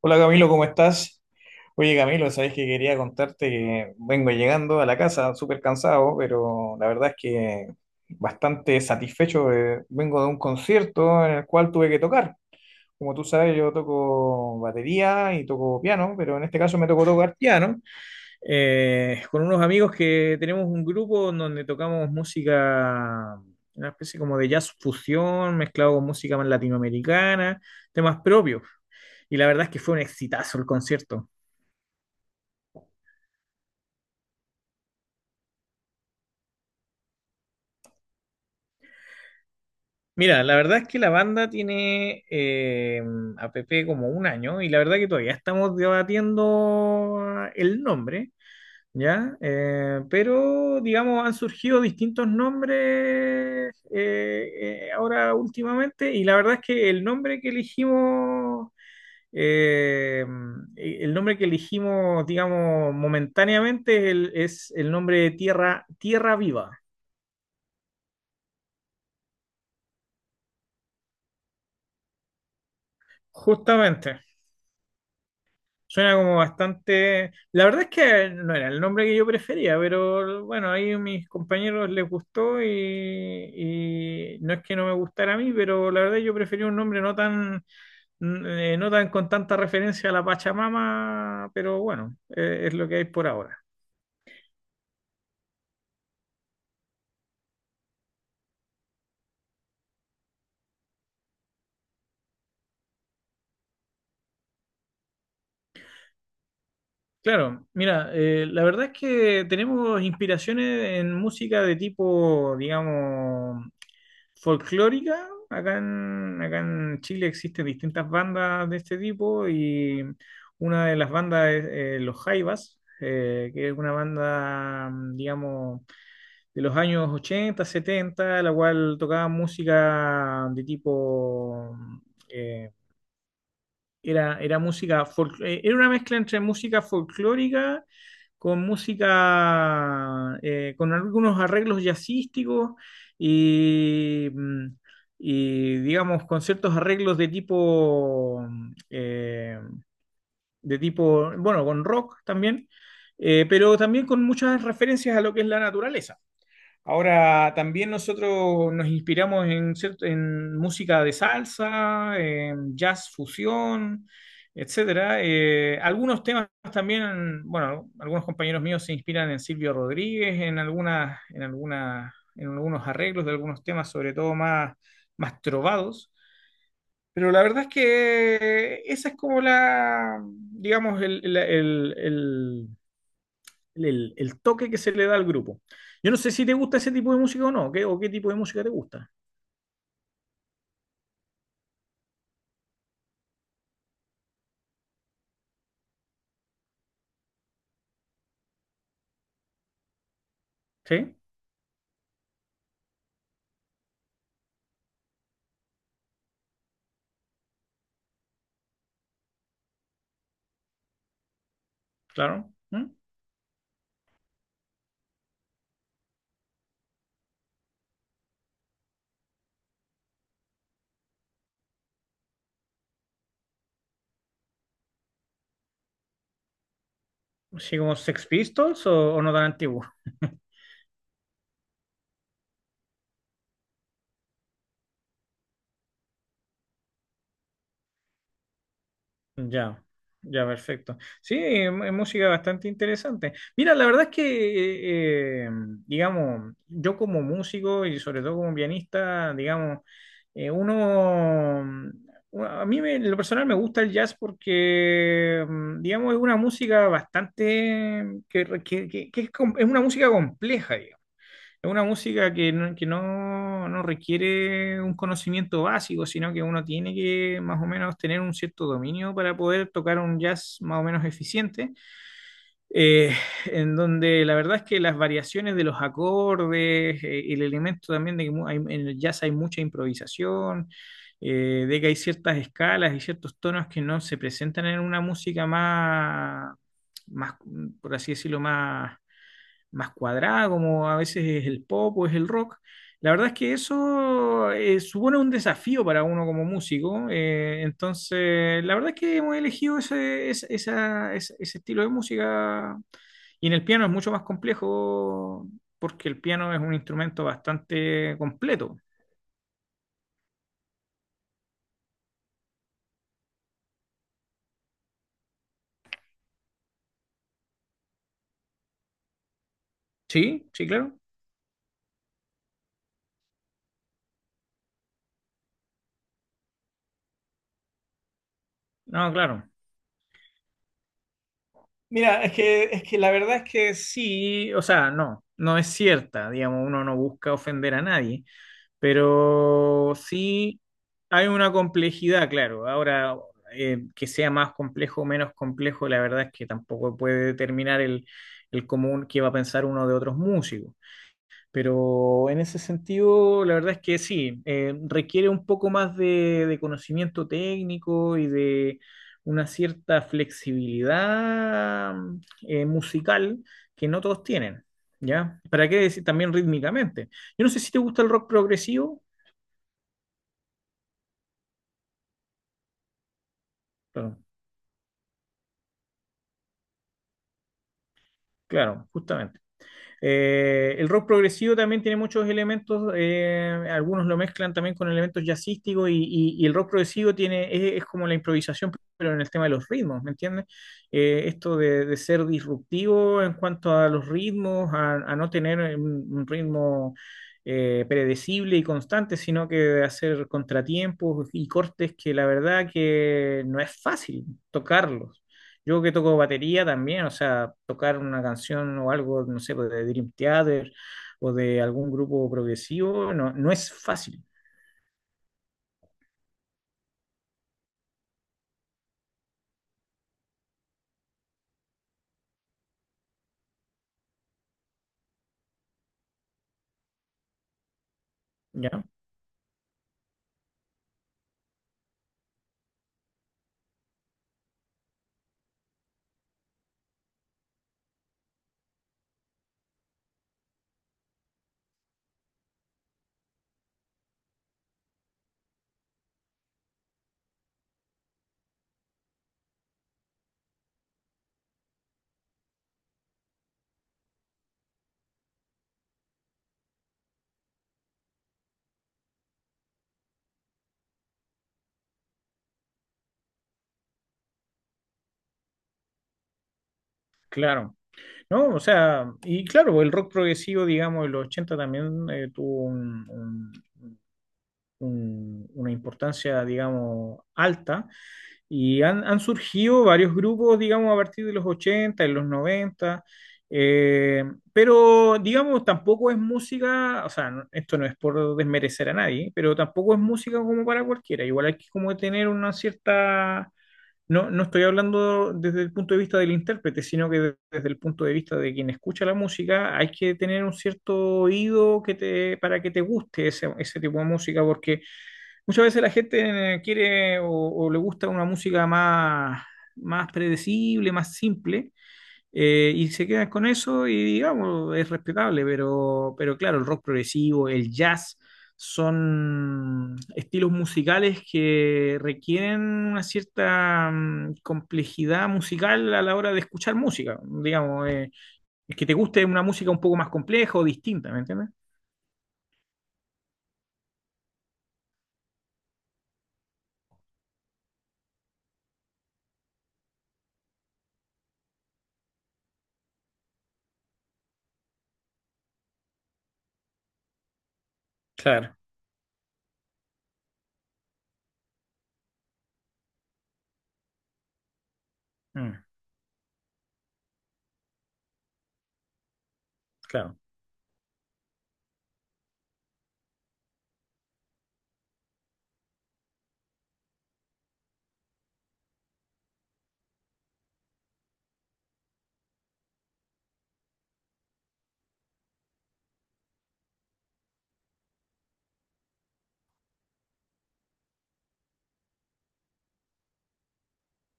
Hola Camilo, ¿cómo estás? Oye Camilo, sabes que quería contarte que vengo llegando a la casa súper cansado, pero la verdad es que bastante satisfecho. Vengo de un concierto en el cual tuve que tocar. Como tú sabes, yo toco batería y toco piano, pero en este caso me tocó tocar piano con unos amigos que tenemos un grupo en donde tocamos música, una especie como de jazz fusión mezclado con música más latinoamericana, temas propios. Y la verdad es que fue un exitazo el concierto. Mira, la verdad es que la banda tiene a Pepe como un año y la verdad que todavía estamos debatiendo el nombre. ¿Ya? Pero, digamos, han surgido distintos nombres ahora últimamente y la verdad es que el nombre que elegimos, eh, el nombre que elegimos, digamos, momentáneamente es el nombre de Tierra, Tierra Viva. Justamente. Suena como bastante. La verdad es que no era el nombre que yo prefería, pero bueno, ahí a mis compañeros les gustó y no es que no me gustara a mí, pero la verdad yo prefería un nombre no tan, no tan con tanta referencia a la Pachamama, pero bueno, es lo que hay por ahora. Claro, mira, la verdad es que tenemos inspiraciones en música de tipo, digamos, folclórica. Acá en Chile existen distintas bandas de este tipo y una de las bandas es Los Jaivas, que es una banda, digamos, de los años 80, 70, la cual tocaba música de tipo, eh, era música, era una mezcla entre música folclórica con música, con algunos arreglos jazzísticos y, digamos, con ciertos arreglos de tipo, de tipo, bueno, con rock también, pero también con muchas referencias a lo que es la naturaleza. Ahora, también nosotros nos inspiramos en música de salsa, en jazz fusión, etcétera. Algunos temas también, bueno, algunos compañeros míos se inspiran en Silvio Rodríguez, en algunos arreglos de algunos temas, sobre todo más trovados. Pero la verdad es que esa es como la, digamos, el toque que se le da al grupo. Yo no sé si te gusta ese tipo de música o no, ¿Qué tipo de música te gusta? ¿Sí? Claro. ¿Mm? ¿Así como Sex Pistols o no tan antiguo? Ya, ya, perfecto. Sí, es música bastante interesante. Mira, la verdad es que, eh, eh, digamos, yo como músico y sobre todo como pianista, digamos, eh, uno, en lo personal me gusta el jazz porque, digamos, es una música bastante, que es, es una música compleja, digamos. Es una música que no requiere un conocimiento básico, sino que uno tiene que más o menos tener un cierto dominio para poder tocar un jazz más o menos eficiente, eh, en donde la verdad es que las variaciones de los acordes, el elemento también de que en el jazz hay mucha improvisación, de que hay ciertas escalas y ciertos tonos que no se presentan en una música más, más, por así decirlo, más cuadrada, como a veces es el pop o es el rock. La verdad es que eso supone un desafío para uno como músico. Entonces, la verdad es que hemos elegido ese estilo de música. Y en el piano es mucho más complejo porque el piano es un instrumento bastante completo. Sí, sí, claro. No, claro. Mira, es que, la verdad es que sí, o sea, no, no es cierta, digamos, uno no busca ofender a nadie. Pero sí hay una complejidad, claro. Ahora, que sea más complejo o menos complejo, la verdad es que tampoco puede determinar el, común que va a pensar uno de otros músicos. Pero en ese sentido, la verdad es que sí, requiere un poco más de conocimiento técnico y de una cierta flexibilidad musical que no todos tienen, ¿ya? ¿Para qué decir también rítmicamente? Yo no sé si te gusta el rock progresivo. Claro, claro, justamente. El rock progresivo también tiene muchos elementos, algunos lo mezclan también con elementos jazzísticos y, y el rock progresivo tiene, es como la improvisación, pero en el tema de los ritmos, ¿me entiendes? Esto de, ser disruptivo en cuanto a los ritmos, a no tener un ritmo predecible y constante, sino que hacer contratiempos y cortes que la verdad que no es fácil tocarlos. Yo que toco batería también, o sea, tocar una canción o algo, no sé, pues, de Dream Theater o de algún grupo progresivo, no, no es fácil, ¿ya? Claro. No, o sea, y claro, el rock progresivo, digamos, en los 80 también tuvo una importancia, digamos, alta. Y han surgido varios grupos, digamos, a partir de los 80 en los 90 eh, pero, digamos, tampoco es música, o sea, esto no es por desmerecer a nadie, pero tampoco es música como para cualquiera. Igual hay que como tener una cierta. No, no estoy hablando desde el punto de vista del intérprete, sino que desde el punto de vista de quien escucha la música, hay que tener un cierto oído para que te guste ese, tipo de música, porque muchas veces la gente quiere o, le gusta una música más predecible, más simple, y se quedan con eso y digamos, es respetable, pero claro, el rock progresivo, el jazz, son estilos musicales que requieren una cierta complejidad musical a la hora de escuchar música, digamos, es que te guste una música un poco más compleja o distinta, ¿me entiendes? Claro, mm, claro.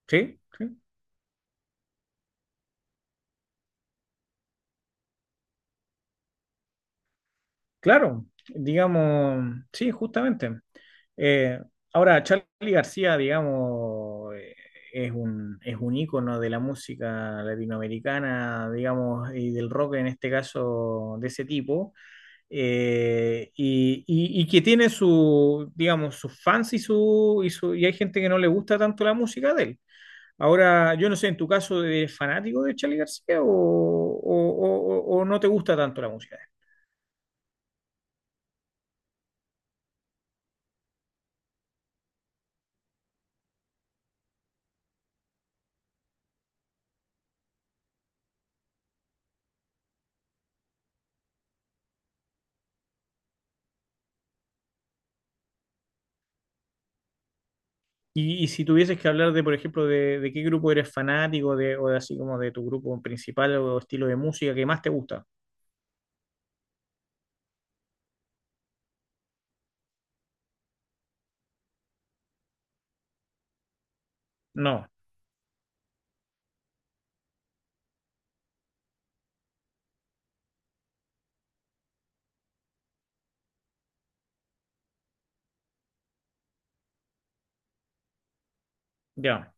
¿Sí? ¿Sí? Claro, digamos, sí, justamente. Eh, Ahora, Charly García, digamos, es un ícono de la música latinoamericana, digamos, y del rock en este caso de ese tipo, y, y que tiene digamos, sus fans y y hay gente que no le gusta tanto la música de él. Ahora, yo no sé, en tu caso, ¿eres fanático de Charly García o no te gusta tanto la música? Y si tuvieses que hablar de, por ejemplo, de, qué grupo eres fanático, o de así como de tu grupo principal o estilo de música que más te gusta. No, ya,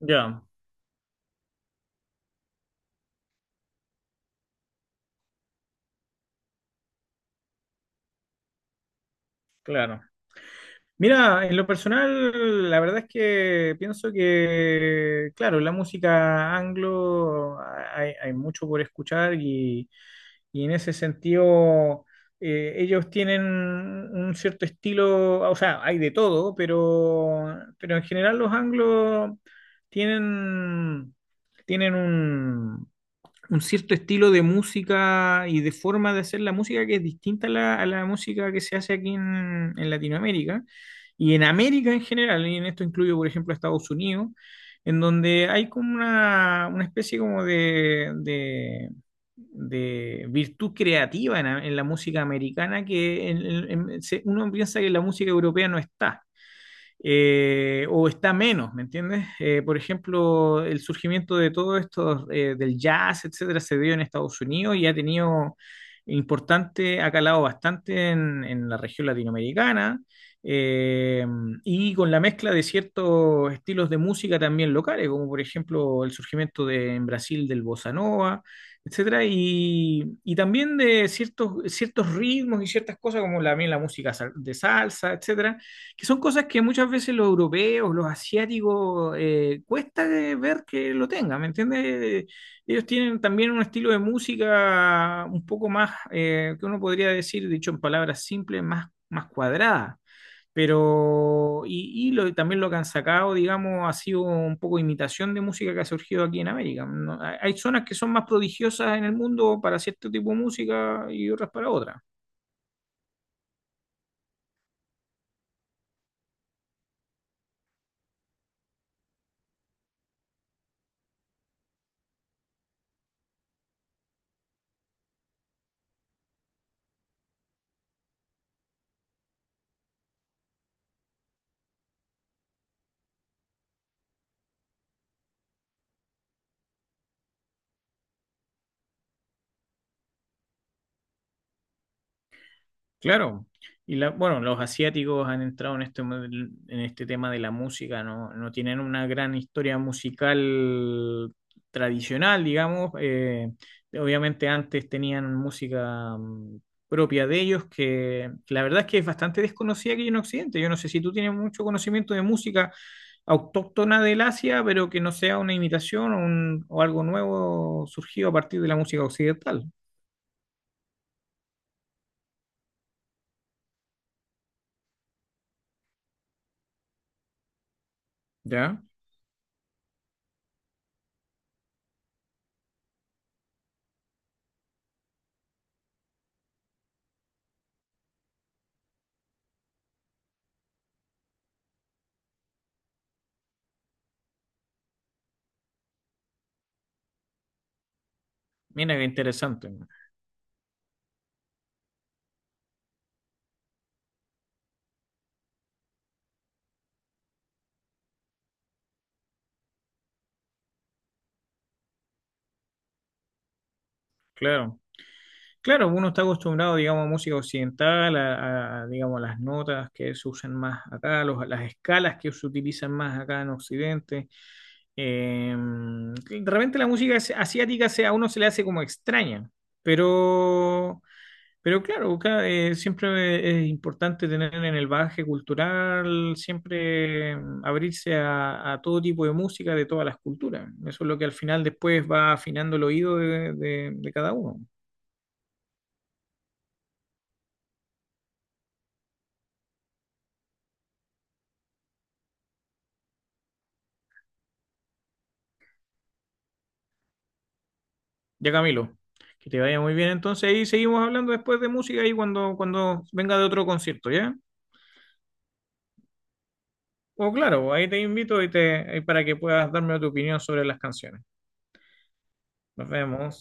ya, claro. Mira, en lo personal, la verdad es que pienso que, claro, la música anglo hay mucho por escuchar y, en ese sentido, ellos tienen un cierto estilo, o sea, hay de todo, pero, en general los anglos tienen, tienen un cierto estilo de música y de forma de hacer la música que es distinta a la, música que se hace aquí en Latinoamérica y en América en general, y en esto incluyo, por ejemplo, a Estados Unidos, en donde hay como una, especie como de, virtud creativa en la música americana que uno piensa que la música europea no está o está menos, ¿me entiendes? Por ejemplo, el surgimiento de todo esto del jazz, etcétera, se dio en Estados Unidos y ha tenido importante, ha calado bastante en, la región latinoamericana eh, y con la mezcla de ciertos estilos de música también locales, como por ejemplo el surgimiento de, en Brasil del bossa nova, etcétera, y, también de ciertos ritmos y ciertas cosas como también la música de salsa, etcétera, que son cosas que muchas veces los europeos, los asiáticos, cuesta de ver que lo tengan, ¿me entiendes? Ellos tienen también un estilo de música un poco más, que uno podría decir, dicho en palabras simples, más cuadrada. Pero, y también lo que han sacado, digamos, ha sido un poco imitación de música que ha surgido aquí en América. Hay zonas que son más prodigiosas en el mundo para cierto tipo de música y otras para otras. Claro, y bueno, los asiáticos han entrado en este, en este tema de la música, no, no tienen una gran historia musical tradicional, digamos. Obviamente antes tenían música propia de ellos, que la verdad es que es bastante desconocida aquí en Occidente. Yo no sé si tú tienes mucho conocimiento de música autóctona del Asia, pero que no sea una imitación o algo nuevo surgido a partir de la música occidental. ¿Ya? Mira qué interesante, claro. Claro, uno está acostumbrado, digamos, a música occidental, digamos, a las notas que se usan más acá, las escalas que se utilizan más acá en Occidente. De repente la música asiática a uno se le hace como extraña, pero, pero claro, acá, siempre es importante tener en el bagaje cultural, siempre abrirse a todo tipo de música de todas las culturas. Eso es lo que al final después va afinando el oído de de cada uno. Ya, Camilo, que te vaya muy bien entonces y seguimos hablando después de música y cuando venga de otro concierto, ¿ya? O claro, ahí te invito y para que puedas darme tu opinión sobre las canciones. Nos vemos.